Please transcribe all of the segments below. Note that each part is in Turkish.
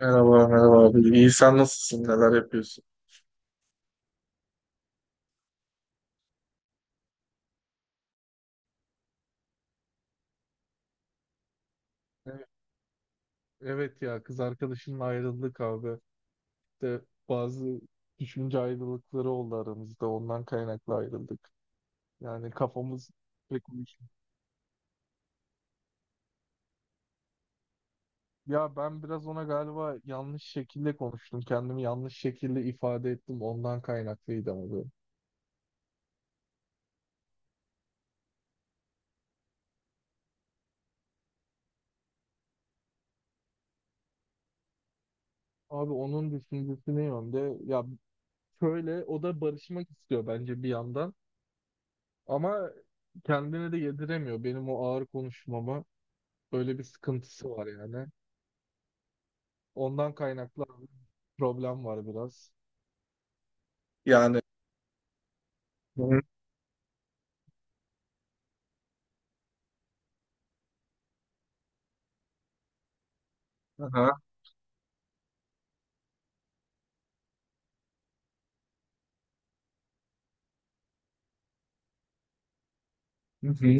Merhaba, merhaba abi. İyi, sen nasılsın? Neler yapıyorsun? Evet evet ya kız arkadaşımla ayrıldık abi. İşte bazı düşünce ayrılıkları oldu aramızda. Ondan kaynaklı ayrıldık. Yani kafamız pek uyuşmuyor. Ya ben biraz ona galiba yanlış şekilde konuştum. Kendimi yanlış şekilde ifade ettim. Ondan kaynaklıydı abi. Abi onun düşüncesi ne yönde? Ya şöyle o da barışmak istiyor bence bir yandan. Ama kendine de yediremiyor benim o ağır konuşmama. Böyle bir sıkıntısı var yani. Ondan kaynaklı abi problem var biraz. Yani hı hı. Aha. Hı hı.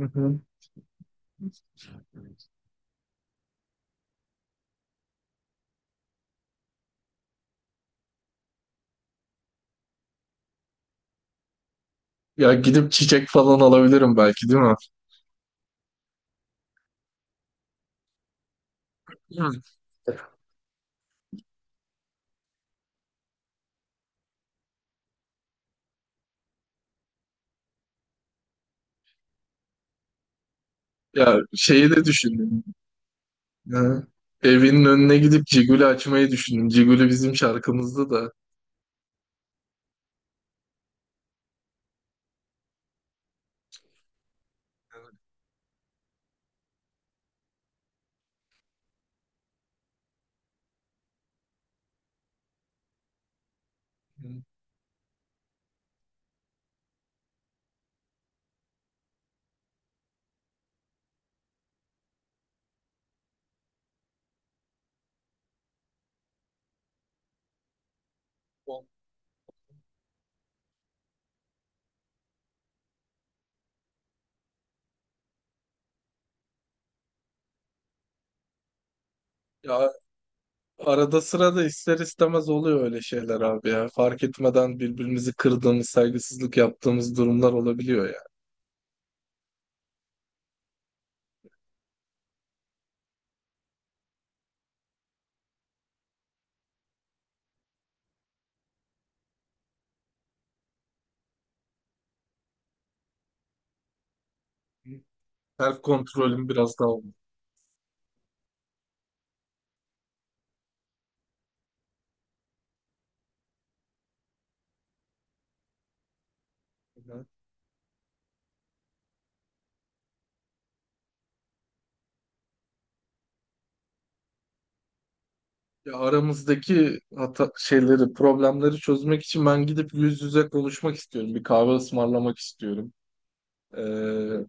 Hı hı. Ya gidip çiçek falan alabilirim belki, değil mi? Hı. Ya şeyi de düşündüm. Hı. Evinin önüne gidip Cigül'ü açmayı düşündüm. Cigül'ü bizim şarkımızda da. Hı. Ya arada sırada ister istemez oluyor öyle şeyler abi ya. Fark etmeden birbirimizi kırdığımız, saygısızlık yaptığımız durumlar olabiliyor ya. Self kontrolüm biraz daha olmalı. Hı. Ya aramızdaki hata şeyleri, problemleri çözmek için ben gidip yüz yüze konuşmak istiyorum. Bir kahve ısmarlamak istiyorum. Ee,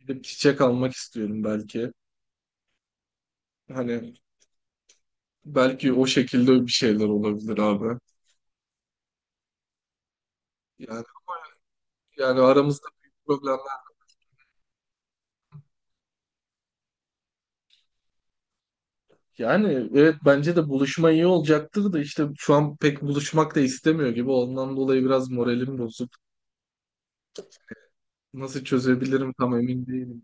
Gidip çiçek almak istiyorum belki. Hani belki o şekilde bir şeyler olabilir abi. Yani, yani aramızda büyük problemler. Yani evet, bence de buluşma iyi olacaktır da işte şu an pek buluşmak da istemiyor gibi. Ondan dolayı biraz moralim bozuk. Nasıl çözebilirim tam emin değilim.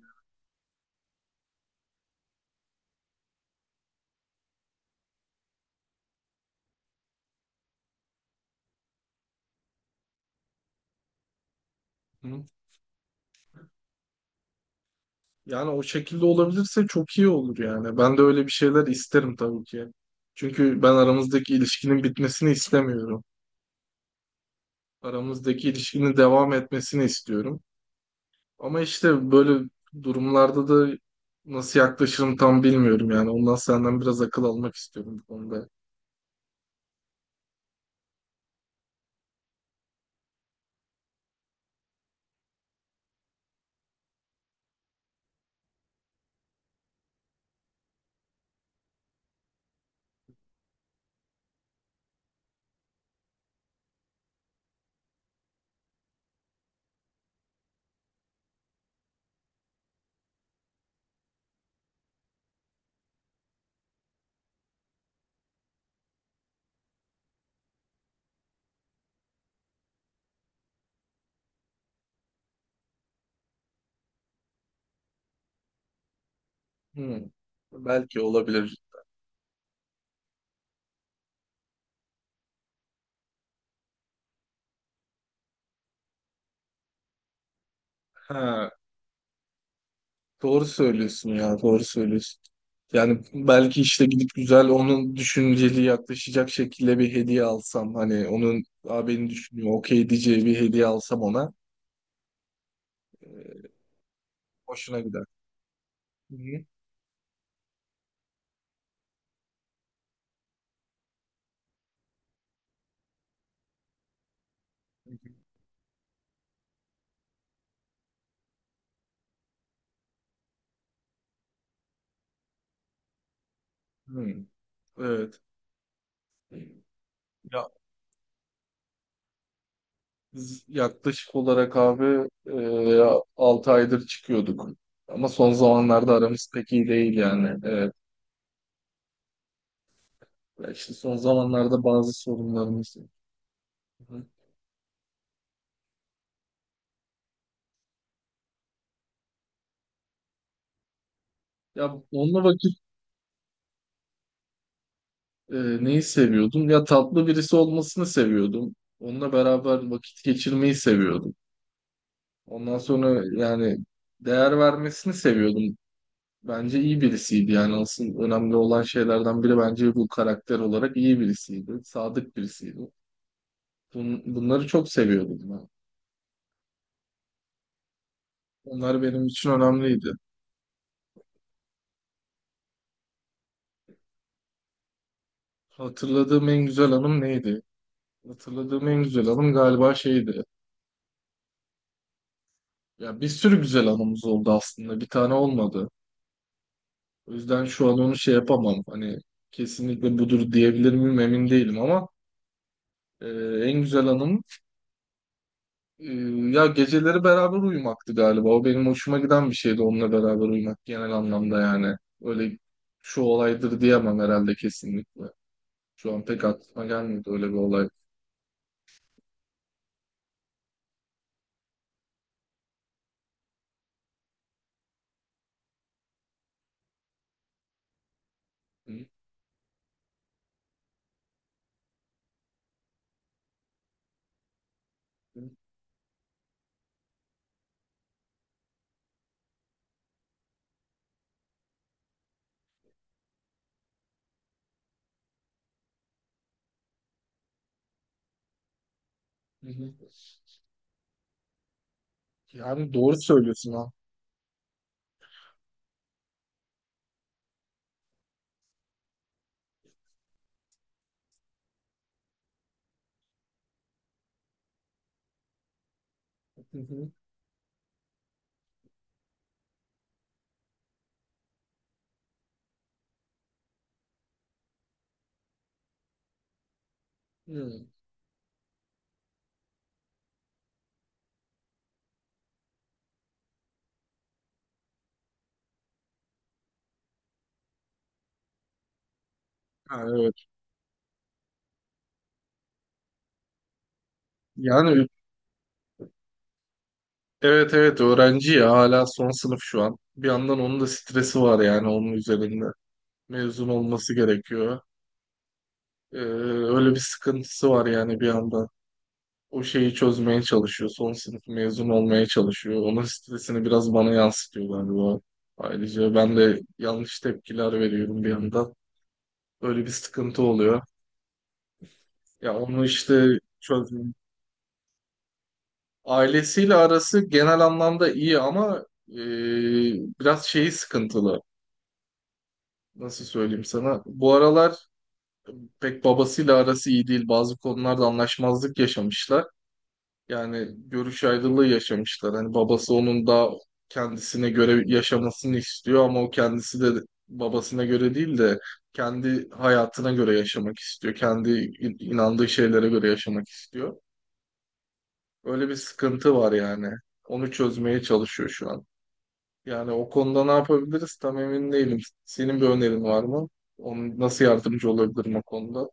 Hı? Yani o şekilde olabilirse çok iyi olur yani. Ben de öyle bir şeyler isterim tabii ki. Çünkü ben aramızdaki ilişkinin bitmesini istemiyorum. Aramızdaki ilişkinin devam etmesini istiyorum. Ama işte böyle durumlarda da nasıl yaklaşırım tam bilmiyorum yani. Ondan senden biraz akıl almak istiyorum bu konuda. Hmm. Belki olabilir. Ha. Doğru söylüyorsun ya, doğru söylüyorsun. Yani belki işte gidip güzel onun düşünceli yaklaşacak şekilde bir hediye alsam hani onun, aa, beni düşünüyor okey diyeceği bir hediye alsam ona, e, hoşuna gider. Hı hı. Hı. Evet. Ya, biz yaklaşık olarak abi 6 aydır çıkıyorduk. Ama son zamanlarda aramız pek iyi değil yani. Evet. Ya İşte son zamanlarda bazı sorunlarımız. Hı hı. Ya onunla vakit, neyi seviyordum? Ya tatlı birisi olmasını seviyordum. Onunla beraber vakit geçirmeyi seviyordum. Ondan sonra yani değer vermesini seviyordum. Bence iyi birisiydi yani asıl önemli olan şeylerden biri bence bu, karakter olarak iyi birisiydi. Sadık birisiydi. Bunları çok seviyordum ben. Onlar benim için önemliydi. Hatırladığım en güzel anım neydi? Hatırladığım en güzel anım galiba şeydi. Ya bir sürü güzel anımız oldu aslında. Bir tane olmadı. O yüzden şu an onu şey yapamam. Hani kesinlikle budur diyebilir miyim emin değilim ama e, en güzel anım, e, ya geceleri beraber uyumaktı galiba. O benim hoşuma giden bir şeydi, onunla beraber uyumak genel anlamda yani. Öyle şu olaydır diyemem herhalde kesinlikle. Şu an pek aklıma gelmedi öyle bir olay. Hı, hı, hı, hı. Yani doğru söylüyorsun ha. Hı, hı, hı. Yani evet. Yani evet öğrenci ya hala son sınıf şu an. Bir yandan onun da stresi var yani onun üzerinde. Mezun olması gerekiyor. Ee, Öyle bir sıkıntısı var yani bir yandan. O şeyi çözmeye çalışıyor. Son sınıf mezun olmaya çalışıyor. Onun stresini biraz bana yansıtıyor galiba. Ayrıca ben de yanlış tepkiler veriyorum bir yandan. Öyle bir sıkıntı oluyor. Ya onu işte çözmeyeyim. Ailesiyle arası genel anlamda iyi ama e, biraz şeyi sıkıntılı. Nasıl söyleyeyim sana? Bu aralar pek babasıyla arası iyi değil. Bazı konularda anlaşmazlık yaşamışlar. Yani görüş ayrılığı yaşamışlar. Hani babası onun daha kendisine göre yaşamasını istiyor ama o kendisi de babasına göre değil de kendi hayatına göre yaşamak istiyor. Kendi inandığı şeylere göre yaşamak istiyor. Öyle bir sıkıntı var yani. Onu çözmeye çalışıyor şu an. Yani o konuda ne yapabiliriz tam emin değilim. Senin bir önerin var mı? Onun nasıl yardımcı olabilirim o konuda?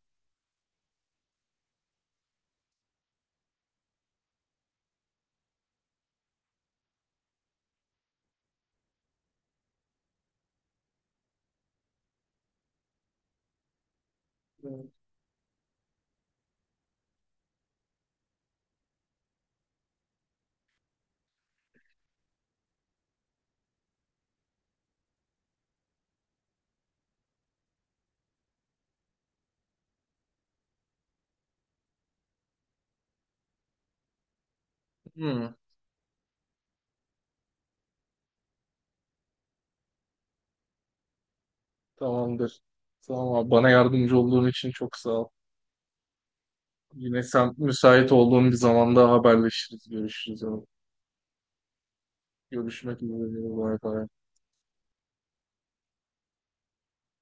Hmm, tamamdır. Tamam abi. Bana yardımcı olduğun için çok sağ ol. Yine sen müsait olduğun bir zamanda haberleşiriz, görüşürüz. Yani görüşmek üzere. Bay bay.